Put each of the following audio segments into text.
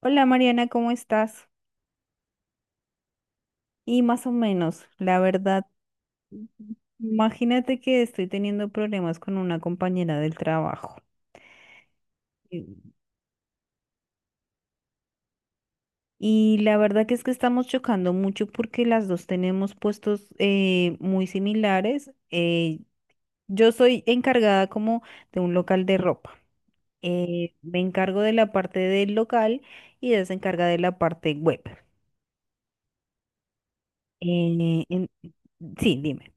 Hola Mariana, ¿cómo estás? Y más o menos, la verdad, imagínate que estoy teniendo problemas con una compañera del trabajo. Y y la verdad que es que estamos chocando mucho porque las dos tenemos puestos muy similares. Yo soy encargada como de un local de ropa. Me encargo de la parte del local y ella se encarga de la parte web. Eh, en- Sí, dime.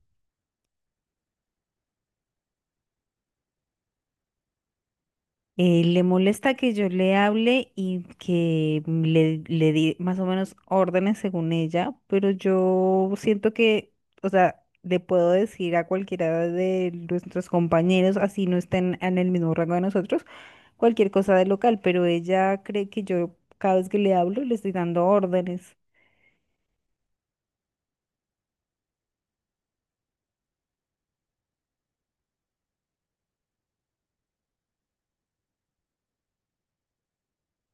Le molesta que yo le hable y que le di más o menos órdenes según ella, pero yo siento que, o sea, le puedo decir a cualquiera de nuestros compañeros, así no estén en el mismo rango de nosotros, cualquier cosa del local, pero ella cree que yo cada vez que le hablo le estoy dando órdenes.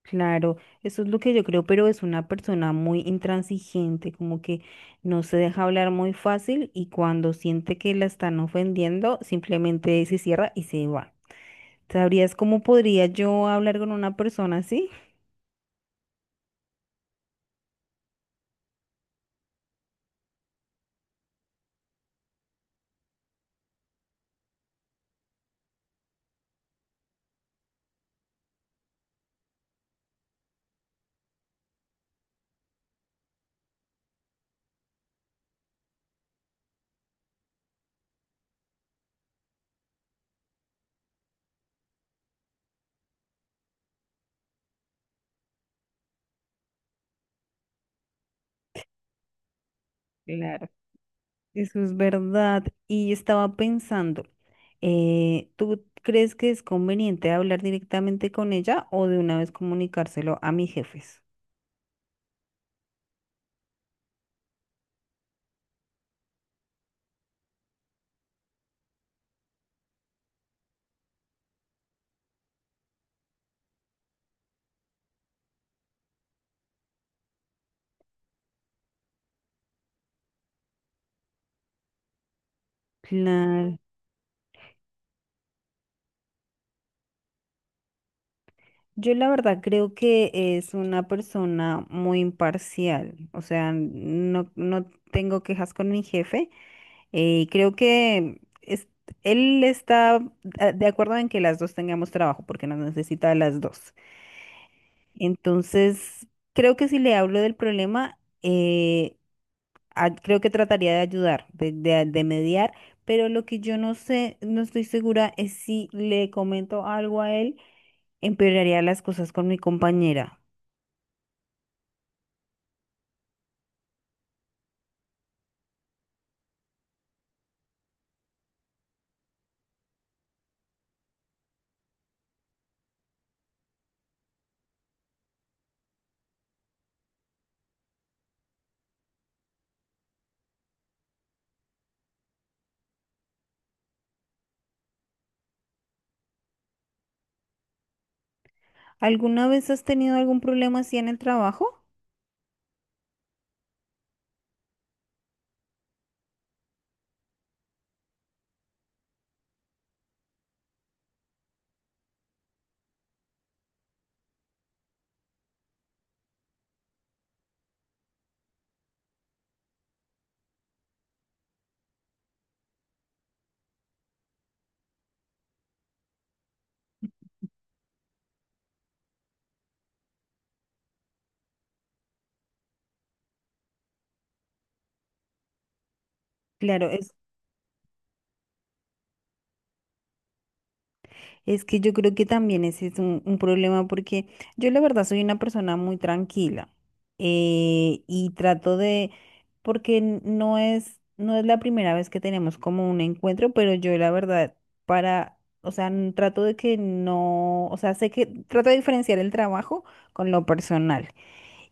Claro, eso es lo que yo creo, pero es una persona muy intransigente, como que no se deja hablar muy fácil y cuando siente que la están ofendiendo, simplemente se cierra y se va. ¿Sabrías cómo podría yo hablar con una persona así? Claro. Eso es verdad. Y estaba pensando, ¿tú crees que es conveniente hablar directamente con ella o de una vez comunicárselo a mis jefes? Claro. Yo la verdad creo que es una persona muy imparcial, o sea, no tengo quejas con mi jefe. eh, creo que es- Él está de acuerdo en que las dos tengamos trabajo porque nos necesita a las dos. Entonces, creo que si le hablo del problema, creo que trataría de ayudar, de, de mediar, pero lo que yo no sé, no estoy segura es si le comento algo a él empeoraría las cosas con mi compañera. ¿Alguna vez has tenido algún problema así en el trabajo? Claro, es que yo creo que también ese es un problema porque yo la verdad soy una persona muy tranquila. Y trato de, porque no es, no es la primera vez que tenemos como un encuentro, pero yo la verdad para, o sea, trato de que no, o sea, sé que trato de diferenciar el trabajo con lo personal.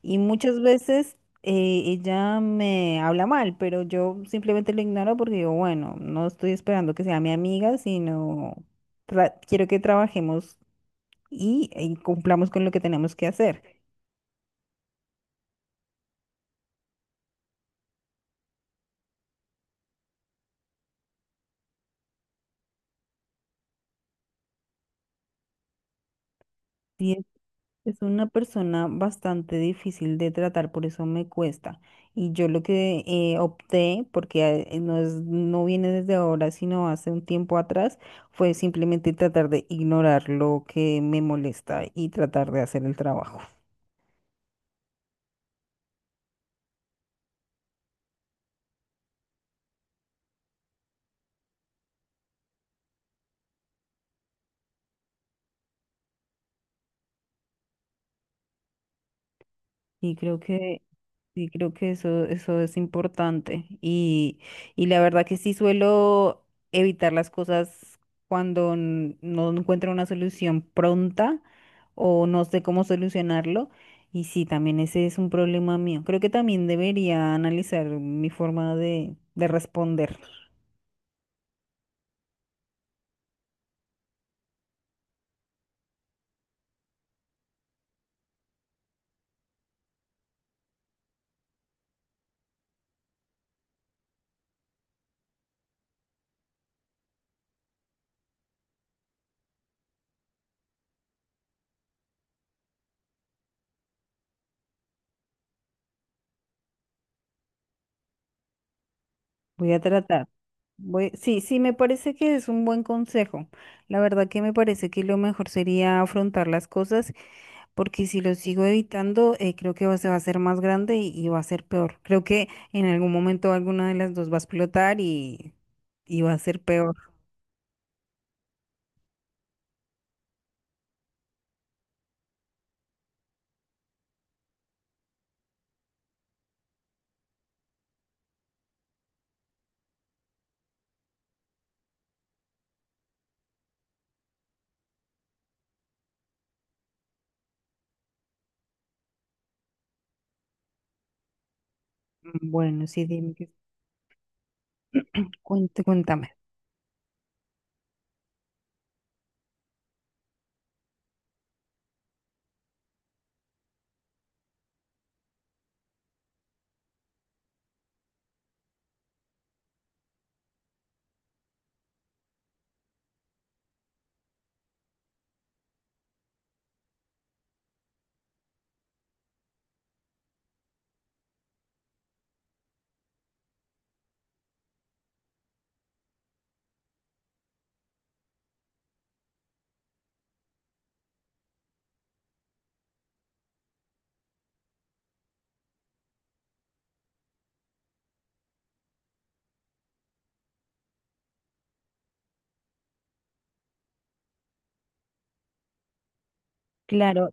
Y muchas veces ella me habla mal, pero yo simplemente lo ignoro porque digo, bueno, no estoy esperando que sea mi amiga, sino quiero que trabajemos y cumplamos con lo que tenemos que hacer. Sí, es una persona bastante difícil de tratar, por eso me cuesta. Y yo lo que opté, porque no es, no viene desde ahora, sino hace un tiempo atrás, fue simplemente tratar de ignorar lo que me molesta y tratar de hacer el trabajo. Y creo que, y creo que eso es importante. Y la verdad que sí suelo evitar las cosas cuando no encuentro una solución pronta o no sé cómo solucionarlo. Y sí, también ese es un problema mío. Creo que también debería analizar mi forma de responder. Voy a tratar. Voy... Sí, sí, me parece que es un buen consejo. La verdad que me parece que lo mejor sería afrontar las cosas, porque si lo sigo evitando, creo que se va a hacer más grande y va a ser peor. Creo que en algún momento alguna de las dos va a explotar y va a ser peor. Mm, bueno, sí, dime, cuéntame. Claro,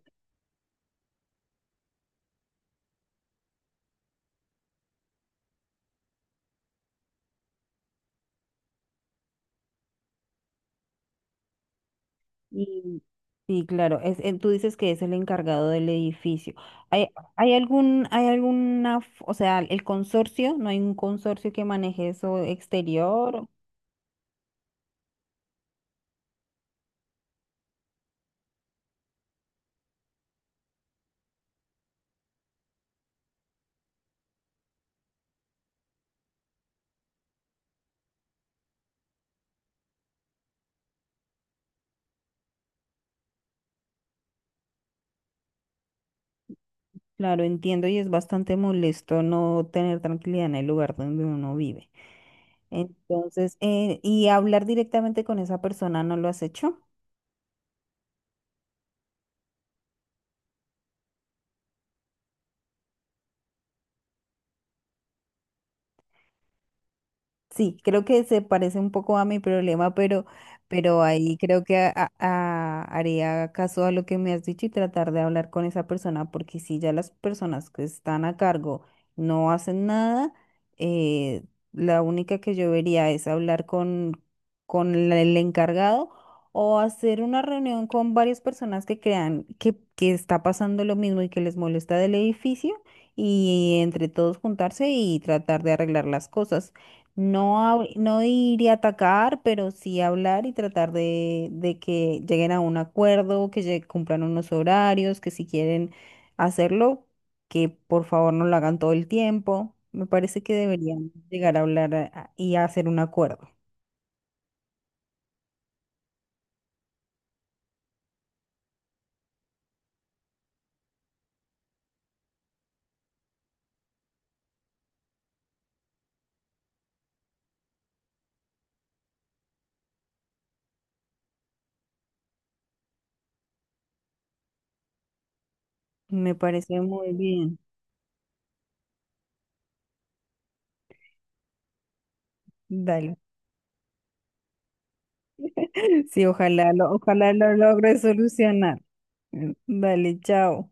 y sí, claro, es, tú dices que es el encargado del edificio. ¿Hay, hay algún, hay o sea, el consorcio, no hay un consorcio que maneje eso exterior? Claro, entiendo y es bastante molesto no tener tranquilidad en el lugar donde uno vive. Entonces, y hablar directamente con esa persona, ¿no lo has hecho? Sí, creo que se parece un poco a mi problema, pero ahí creo que haría caso a lo que me has dicho y tratar de hablar con esa persona, porque si ya las personas que están a cargo no hacen nada, eh, la única que yo vería es hablar con el encargado o hacer una reunión con varias personas que crean que está pasando lo mismo y que les molesta del edificio y entre todos juntarse y tratar de arreglar las cosas. No, no ir y atacar, pero sí hablar y tratar de que lleguen a un acuerdo, que cumplan unos horarios, que si quieren hacerlo, que por favor no lo hagan todo el tiempo. Me parece que deberían llegar a hablar y a hacer un acuerdo. Me parece muy bien. Dale. Sí, ojalá lo logre solucionar. Mm, dale, chao.